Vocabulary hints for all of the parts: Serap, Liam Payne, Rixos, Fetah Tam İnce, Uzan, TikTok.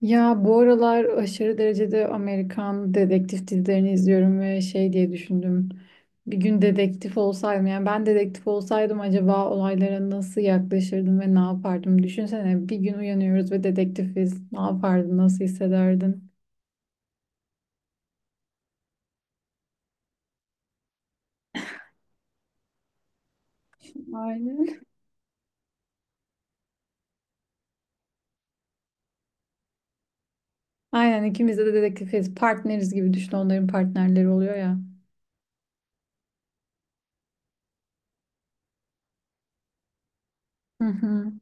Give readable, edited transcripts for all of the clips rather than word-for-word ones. Ya bu aralar aşırı derecede Amerikan dedektif dizilerini izliyorum ve şey diye düşündüm. Bir gün dedektif olsaydım, yani ben dedektif olsaydım acaba olaylara nasıl yaklaşırdım ve ne yapardım? Düşünsene, bir gün uyanıyoruz ve dedektifiz. Ne yapardın? Nasıl hissederdin? Aynen. Aynen, ikimiz de dedektifiz. Partneriz, gibi düşün, onların partnerleri oluyor ya. Hı hı.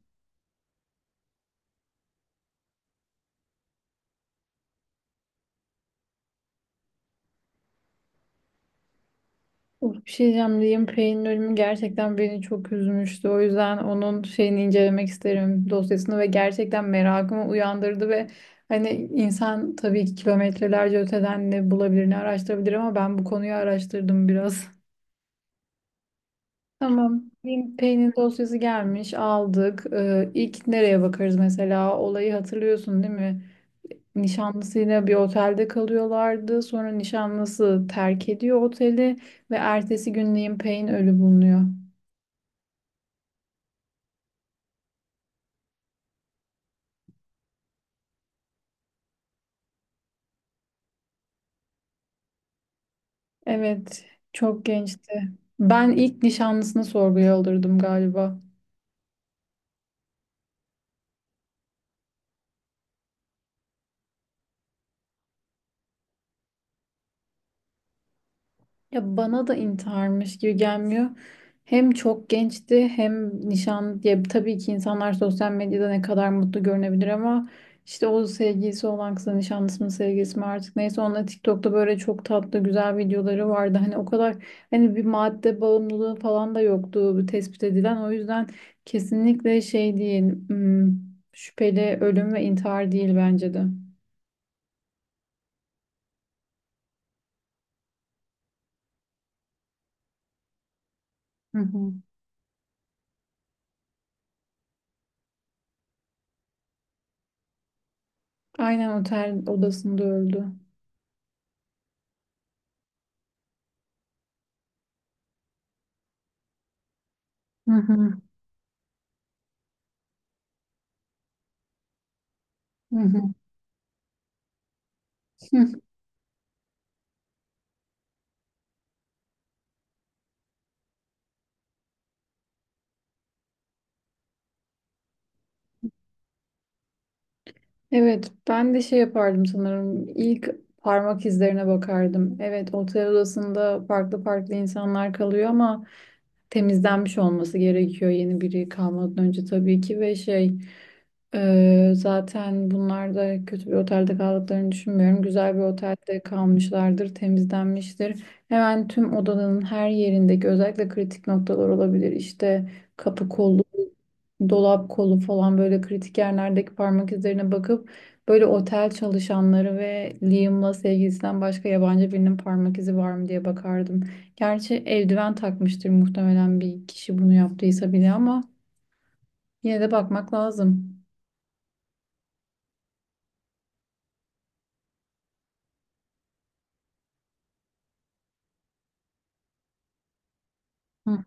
Of, bir şey diyeceğim. Liam Payne'in ölümü gerçekten beni çok üzmüştü. O yüzden onun şeyini incelemek isterim, dosyasını, ve gerçekten merakımı uyandırdı ve hani insan tabii ki kilometrelerce öteden ne bulabilir ne araştırabilir, ama ben bu konuyu araştırdım biraz. Tamam. Liam Payne'in dosyası gelmiş, aldık. İlk nereye bakarız mesela? Olayı hatırlıyorsun değil mi? Nişanlısıyla bir otelde kalıyorlardı. Sonra nişanlısı terk ediyor oteli ve ertesi gün Liam Payne ölü bulunuyor. Evet, çok gençti. Ben ilk nişanlısını sorguya alırdım galiba. Ya bana da intiharmış gibi gelmiyor. Hem çok gençti hem nişan diye, tabii ki insanlar sosyal medyada ne kadar mutlu görünebilir ama işte o sevgilisi olan kızın nişanlısı mı sevgilisi mi artık neyse, onunla TikTok'ta böyle çok tatlı güzel videoları vardı. Hani o kadar, hani bir madde bağımlılığı falan da yoktu tespit edilen. O yüzden kesinlikle şey değil, hmm, şüpheli ölüm ve intihar değil bence de. Hı hı. Aynen, otel odasında öldü. Hı hı. Hı hı. Evet, ben de şey yapardım sanırım. İlk parmak izlerine bakardım. Evet, otel odasında farklı farklı insanlar kalıyor ama temizlenmiş olması gerekiyor yeni biri kalmadan önce, tabii ki, ve şey, zaten bunlar da kötü bir otelde kaldıklarını düşünmüyorum. Güzel bir otelde kalmışlardır, temizlenmiştir. Hemen tüm odanın her yerindeki özellikle kritik noktalar olabilir. İşte kapı kolu, dolap kolu falan, böyle kritik yerlerdeki parmak izlerine bakıp böyle otel çalışanları ve Liam'la sevgilisinden başka yabancı birinin parmak izi var mı diye bakardım. Gerçi eldiven takmıştır muhtemelen, bir kişi bunu yaptıysa bile, ama yine de bakmak lazım. Hı.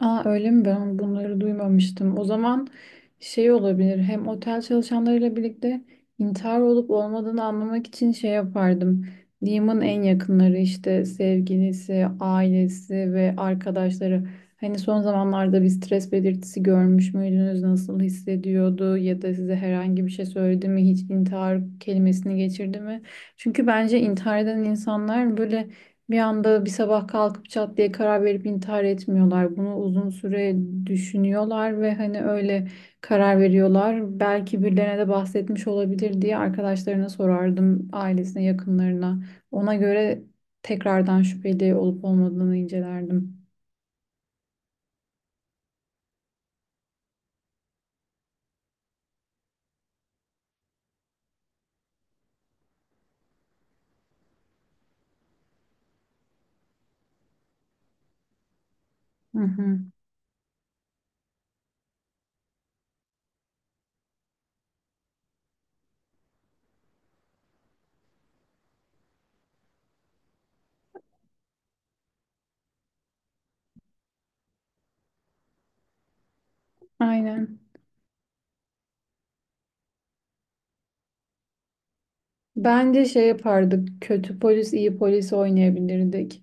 Aa, öyle mi? Ben bunları duymamıştım. O zaman şey olabilir. Hem otel çalışanlarıyla birlikte intihar olup olmadığını anlamak için şey yapardım. Liam'ın en yakınları, işte sevgilisi, ailesi ve arkadaşları. Hani son zamanlarda bir stres belirtisi görmüş müydünüz? Nasıl hissediyordu? Ya da size herhangi bir şey söyledi mi? Hiç intihar kelimesini geçirdi mi? Çünkü bence intihar eden insanlar böyle bir anda, bir sabah kalkıp çat diye karar verip intihar etmiyorlar. Bunu uzun süre düşünüyorlar ve hani öyle karar veriyorlar. Belki birilerine de bahsetmiş olabilir diye arkadaşlarına sorardım, ailesine, yakınlarına. Ona göre tekrardan şüpheli olup olmadığını incelerdim. Hı hı. Aynen. Bence şey yapardık. Kötü polis, iyi polis oynayabilirdik.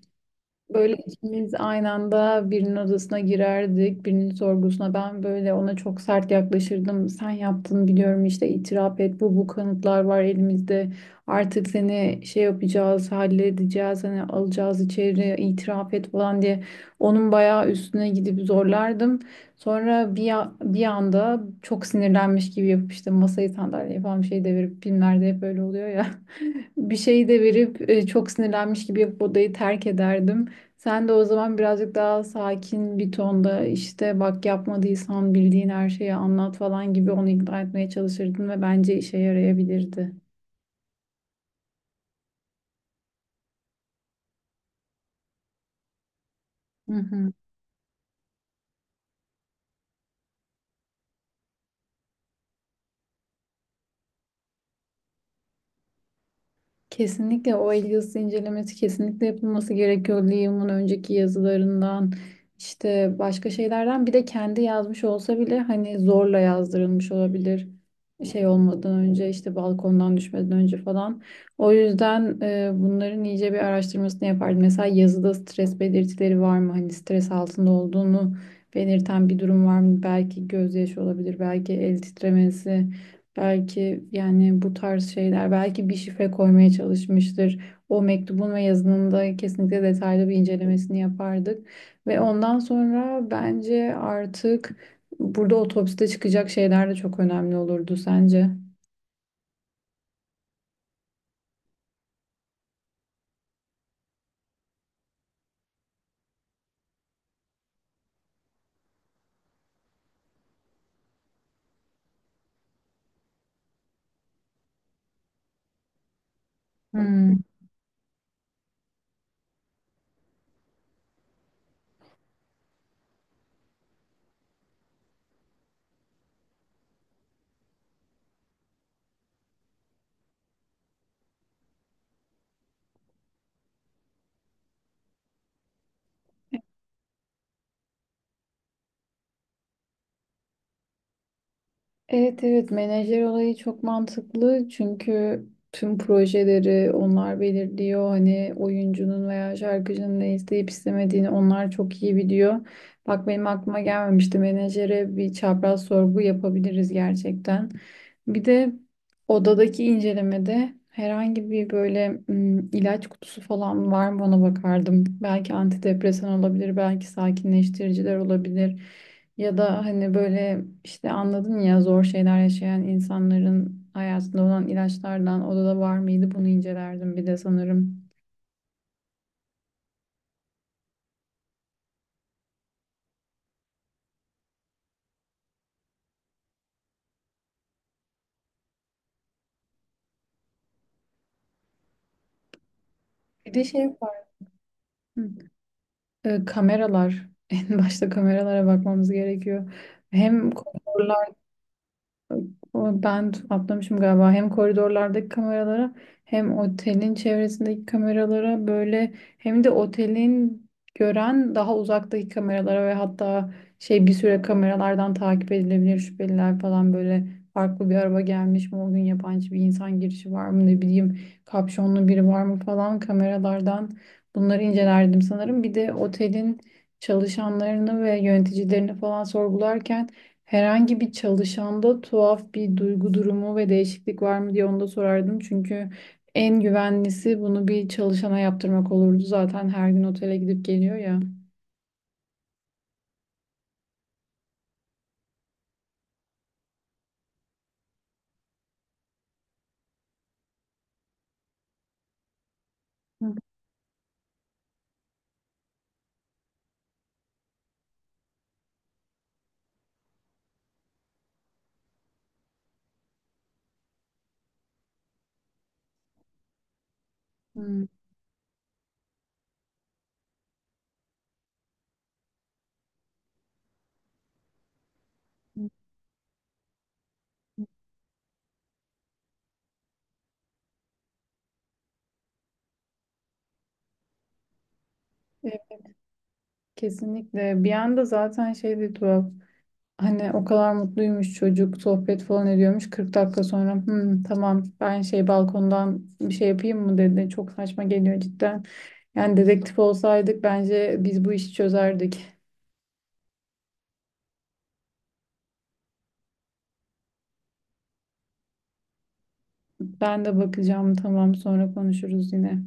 Böyle ikimiz aynı anda birinin odasına girerdik, birinin sorgusuna. Ben böyle ona çok sert yaklaşırdım. Sen yaptın biliyorum, işte itiraf et. Bu kanıtlar var elimizde. Artık seni şey yapacağız, halledeceğiz. Hani alacağız içeri, itiraf et falan diye. Onun bayağı üstüne gidip zorlardım. Sonra bir anda çok sinirlenmiş gibi yapıp işte masayı, sandalyeyi falan bir şey devirip, filmlerde hep böyle oluyor ya, bir şey de verip, çok sinirlenmiş gibi yapıp odayı terk ederdim. Sen de o zaman birazcık daha sakin bir tonda, işte bak yapmadıysan bildiğin her şeyi anlat falan gibi, onu ikna etmeye çalışırdın ve bence işe yarayabilirdi. Hı hı. Kesinlikle o el yazısı incelemesi kesinlikle yapılması gerekiyor. Liam'ın önceki yazılarından, işte başka şeylerden, bir de kendi yazmış olsa bile hani zorla yazdırılmış olabilir. Şey olmadan önce, işte balkondan düşmeden önce falan. O yüzden bunların iyice bir araştırmasını yapardım. Mesela yazıda stres belirtileri var mı? Hani stres altında olduğunu belirten bir durum var mı? Belki gözyaşı olabilir, belki el titremesi. Belki yani bu tarz şeyler, belki bir şifre koymaya çalışmıştır. O mektubun ve yazının da kesinlikle detaylı bir incelemesini yapardık. Ve ondan sonra bence artık burada otopside çıkacak şeyler de çok önemli olurdu, sence? Hmm. Evet, evet, menajer olayı çok mantıklı çünkü tüm projeleri onlar belirliyor. Hani oyuncunun veya şarkıcının ne isteyip istemediğini onlar çok iyi biliyor. Bak benim aklıma gelmemişti, menajere bir çapraz sorgu yapabiliriz gerçekten. Bir de odadaki incelemede herhangi bir böyle ilaç kutusu falan var mı ona bakardım. Belki antidepresan olabilir, belki sakinleştiriciler olabilir. Ya da hani böyle işte anladın ya, zor şeyler yaşayan insanların hayatında olan ilaçlardan odada var mıydı, bunu incelerdim bir de sanırım. Bir de şey var. Hı. E, kameralar. En başta kameralara bakmamız gerekiyor. Hem koridorlar. Atlamışım galiba. Hem koridorlardaki kameralara, hem otelin çevresindeki kameralara, böyle hem de otelin gören daha uzaktaki kameralara, ve hatta şey, bir süre kameralardan takip edilebilir şüpheliler falan, böyle farklı bir araba gelmiş mi o gün, yabancı bir insan girişi var mı, ne bileyim kapşonlu biri var mı falan, kameralardan bunları incelerdim sanırım. Bir de otelin çalışanlarını ve yöneticilerini falan sorgularken, herhangi bir çalışanda tuhaf bir duygu durumu ve değişiklik var mı diye onu da sorardım. Çünkü en güvenlisi bunu bir çalışana yaptırmak olurdu. Zaten her gün otele gidip geliyor ya. Hı hı. Evet, kesinlikle. Bir anda zaten şey de tuhaf. Hani o kadar mutluymuş çocuk, sohbet falan ediyormuş. 40 dakika sonra, "Hmm, tamam, ben şey balkondan bir şey yapayım mı?" dedi. Çok saçma geliyor cidden. Yani dedektif olsaydık bence biz bu işi çözerdik. Ben de bakacağım. Tamam, sonra konuşuruz yine.